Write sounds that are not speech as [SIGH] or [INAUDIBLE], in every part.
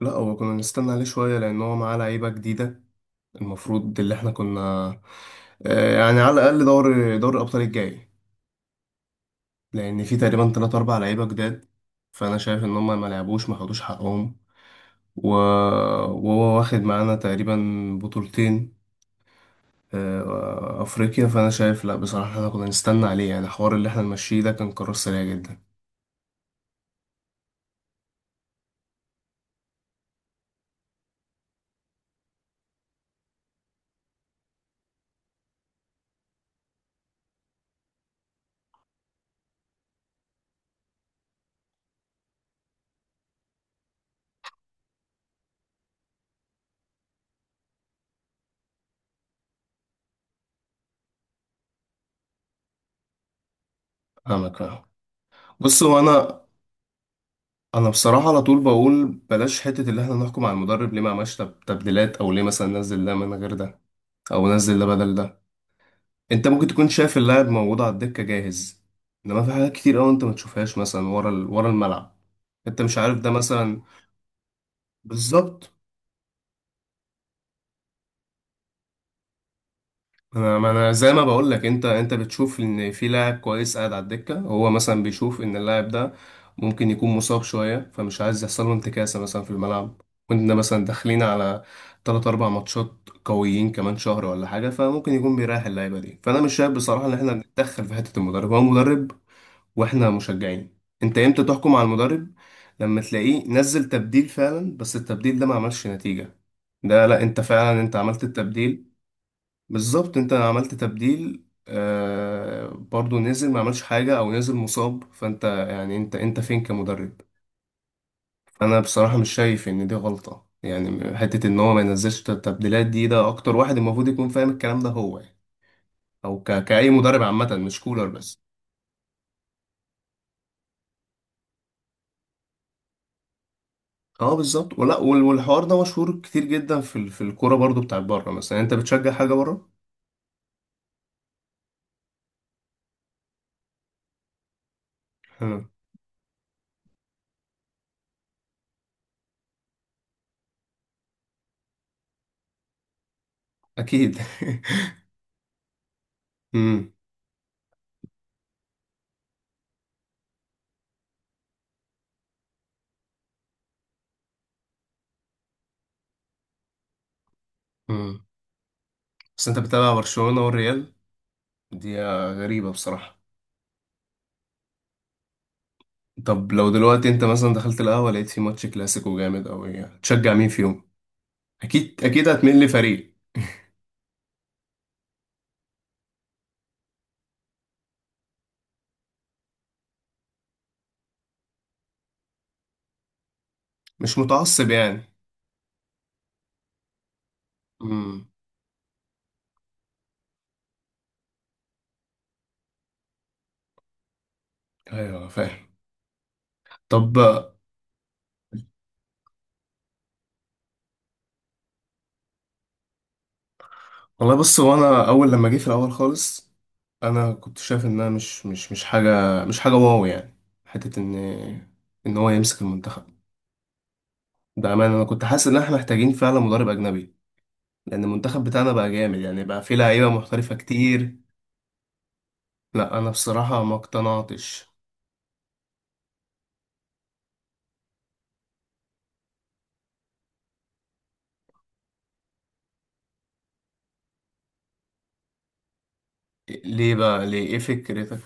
لا، هو كنا نستنى عليه شوية لأن هو معاه لعيبة جديدة المفروض اللي احنا كنا يعني على الأقل دور الأبطال الجاي. لأن في تقريبا تلات أربع لعيبة جداد، فأنا شايف إن هما ما لعبوش ما خدوش حقهم. و- وهو واخد معانا تقريبا بطولتين أفريقيا. فأنا شايف لا، بصراحة احنا كنا نستنى عليه، يعني الحوار اللي احنا نمشيه ده كان قرار سريع جدا. أنا معاك فاهم. بص هو أنا انا بصراحه على طول بقول بلاش حته اللي احنا نحكم على المدرب ليه ما عملش تبديلات، او ليه مثلا نزل ده من غير ده، او نزل ده بدل ده. انت ممكن تكون شايف اللاعب موجود على الدكه جاهز، انما في حاجات كتير قوي انت ما تشوفهاش، مثلا ورا ورا الملعب. انت مش عارف ده مثلا. بالظبط. انا، ما انا زي ما بقول لك، انت انت بتشوف ان في لاعب كويس قاعد على الدكه، هو مثلا بيشوف ان اللاعب ده ممكن يكون مصاب شويه، فمش عايز يحصل له انتكاسه مثلا في الملعب، وانت مثلا داخلين على 3 4 ماتشات قويين كمان شهر ولا حاجه، فممكن يكون بيريح اللعيبه دي. فانا مش شايف بصراحه ان احنا نتدخل في حته المدرب، هو مدرب واحنا مشجعين. انت امتى تحكم على المدرب؟ لما تلاقيه نزل تبديل فعلا بس التبديل ده ما عملش نتيجه. ده لا، انت فعلا انت عملت التبديل. بالظبط، انت عملت تبديل آه برضو، نزل ما عملش حاجة، او نزل مصاب، فانت يعني انت فين كمدرب؟ انا بصراحة مش شايف ان دي غلطة يعني، حتة ان هو ما ينزلش التبديلات دي. ده اكتر واحد المفروض يكون فاهم الكلام ده هو يعني. او كأي مدرب عامة، مش كولر بس. اه بالظبط. والحوار ده مشهور كتير جدا في الكورة برضو. بتاعت بره، مثلا انت بتشجع حاجة بره؟ مم. اكيد. [LAUGHS] امم. امم. بس انت بتتابع برشلونة والريال؟ دي غريبة بصراحة. طب لو دلوقتي انت مثلا دخلت القهوة لقيت في ماتش كلاسيكو جامد أوي، تشجع مين فيهم؟ أكيد أكيد هتميل لفريق. مش متعصب يعني. امم. أيوه فاهم. طب، والله بص، هو أنا أول لما جه في الأول خالص، أنا كنت شايف إنها مش حاجة، مش حاجة واو يعني. حتة إن هو يمسك المنتخب ده، أمانة أنا كنت حاسس إن إحنا محتاجين فعلا مدرب أجنبي، لأن المنتخب بتاعنا بقى جامد، يعني بقى فيه لعيبة محترفة كتير. لا أنا بصراحة ما اقتنعتش. ليه بقى، ليه ايه فكرتك؟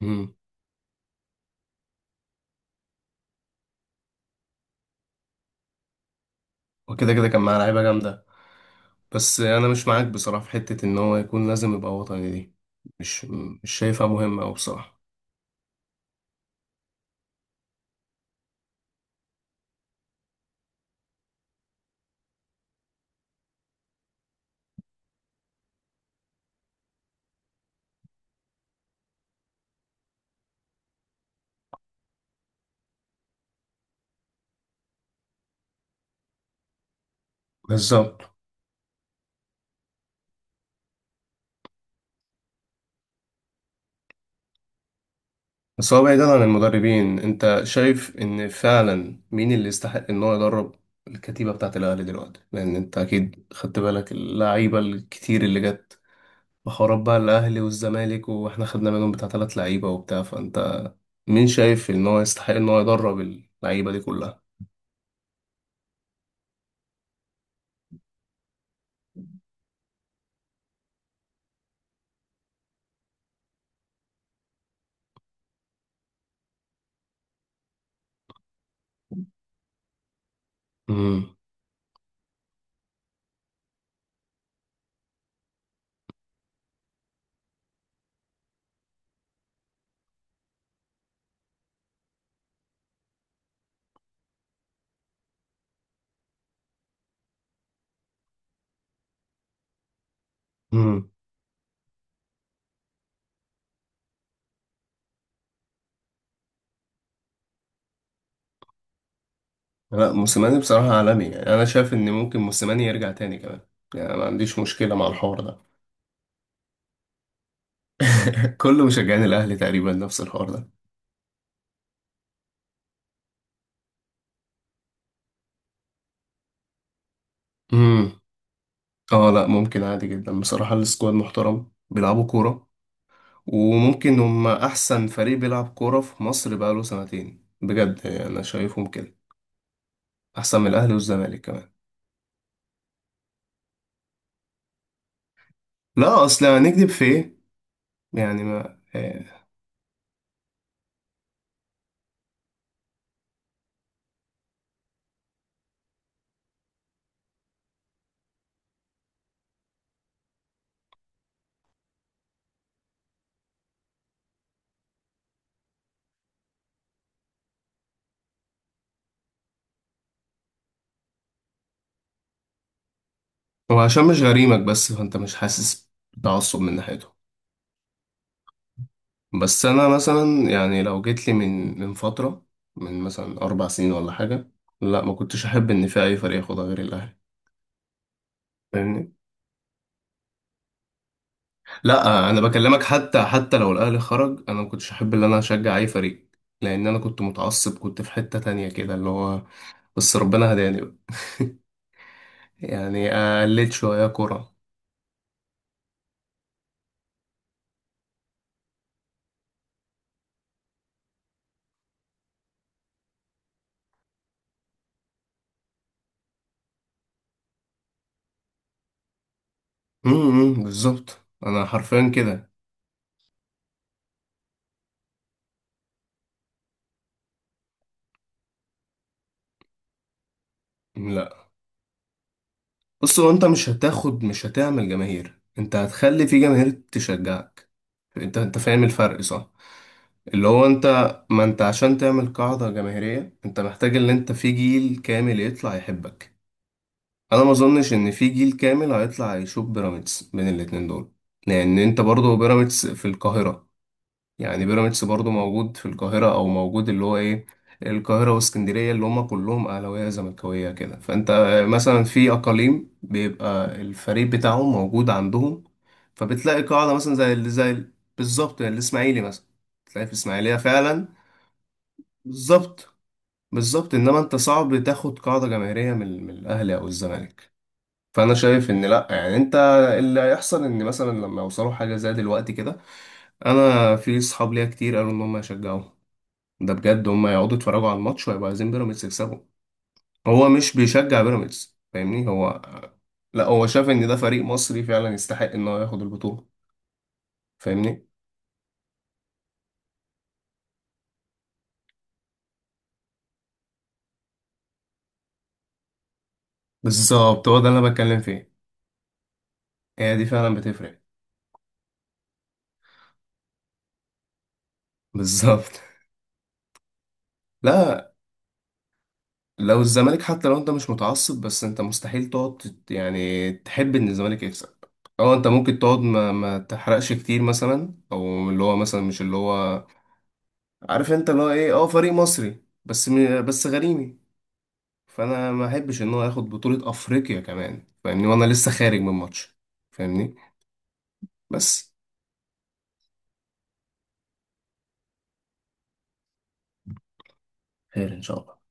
مم. وكده كده كان معاه لعيبه جامده. بس انا مش معاك بصراحه في حته ان هو يكون لازم يبقى وطني دي. مش مش شايفها مهمه أوي بصراحه. بالظبط. بس هو بعيدا عن المدربين، انت شايف ان فعلا مين اللي يستحق ان هو يدرب الكتيبه بتاعه الاهلي دلوقتي؟ لان انت اكيد خدت بالك اللعيبه الكتير اللي جت بحوارات بقى الاهلي والزمالك، واحنا خدنا منهم بتاع ثلاث لعيبه وبتاع فانت. مين شايف ان هو يستحق ان هو يدرب اللعيبه دي كلها؟ امم. امم. لا موسيماني بصراحة عالمي يعني، أنا شايف إن ممكن موسيماني يرجع تاني كمان. يعني أنا ما عنديش مشكلة مع الحوار ده. [LAUGHS] كل مشجعين الأهلي تقريبا نفس الحوار ده. امم. اه لا، ممكن عادي جدا بصراحة. السكواد محترم، بيلعبوا كورة. وممكن هما أحسن فريق بيلعب كورة في مصر بقاله سنتين بجد، يعني أنا شايفهم كده. أحسن من الأهلي والزمالك كمان. لا، أصل هنكدب في إيه؟ يعني ما هو عشان مش غريمك بس، فأنت مش حاسس تعصب من ناحيته. بس انا مثلا، يعني لو جيت لي من من فتره، من مثلا اربع سنين ولا حاجه، لا ما كنتش احب ان في اي فريق ياخدها غير الاهلي. فاهمني؟ لا انا بكلمك حتى، حتى لو الاهلي خرج انا ما كنتش احب ان انا اشجع اي فريق. لان انا كنت متعصب، كنت في حته تانية كده اللي هو. بس ربنا هداني بقى. يعني قلت شويه كوره. امم. إمم، بالظبط انا حرفيا كده. لا. بص هو انت مش هتاخد، مش هتعمل جماهير، انت هتخلي في جماهير تشجعك. انت فاهم الفرق صح؟ اللي هو انت، ما انت عشان تعمل قاعدة جماهيرية انت محتاج ان انت في جيل كامل يطلع يحبك. انا ما اظنش ان في جيل كامل هيطلع يشوف بيراميدز بين الاتنين دول، لان انت برضه بيراميدز في القاهرة. يعني بيراميدز برضو موجود في القاهرة، أو موجود اللي هو إيه، القاهرة واسكندرية اللي هما كلهم أهلاوية زملكاوية كده. فأنت مثلا في أقاليم بيبقى الفريق بتاعهم موجود عندهم، فبتلاقي قاعدة مثلا بالظبط، يعني الإسماعيلي مثلا، تلاقي في إسماعيلية فعلا. بالظبط. بالظبط. إنما أنت صعب تاخد قاعدة جماهيرية من من الأهلي أو الزمالك. فأنا شايف إن لأ، يعني أنت، اللي هيحصل إن مثلا لما يوصلوا حاجة زي دلوقتي كده، أنا في صحاب ليا كتير قالوا إن هم يشجعوا. ده بجد هم يقعدوا يتفرجوا على الماتش ويبقوا عايزين بيراميدز يكسبوا. هو مش بيشجع بيراميدز، فاهمني، هو لا، هو شاف ان ده فريق مصري فعلا يستحق ان هو ياخد البطولة. فاهمني؟ بالظبط، هو ده اللي انا بتكلم فيه. هي دي فعلا بتفرق. بالظبط. [LAUGHS] لا، لو الزمالك حتى لو انت مش متعصب، بس انت مستحيل تقعد يعني تحب ان الزمالك يكسب. اه، انت ممكن تقعد ما تحرقش كتير مثلا، او اللي هو مثلا مش اللي هو، عارف انت اللي هو ايه، اه فريق مصري بس بس غريمي، فانا ما احبش ان هو ياخد بطولة افريقيا كمان. فاهمني؟ وانا لسه خارج من ماتش. فاهمني؟ بس. خير ان شاء الله.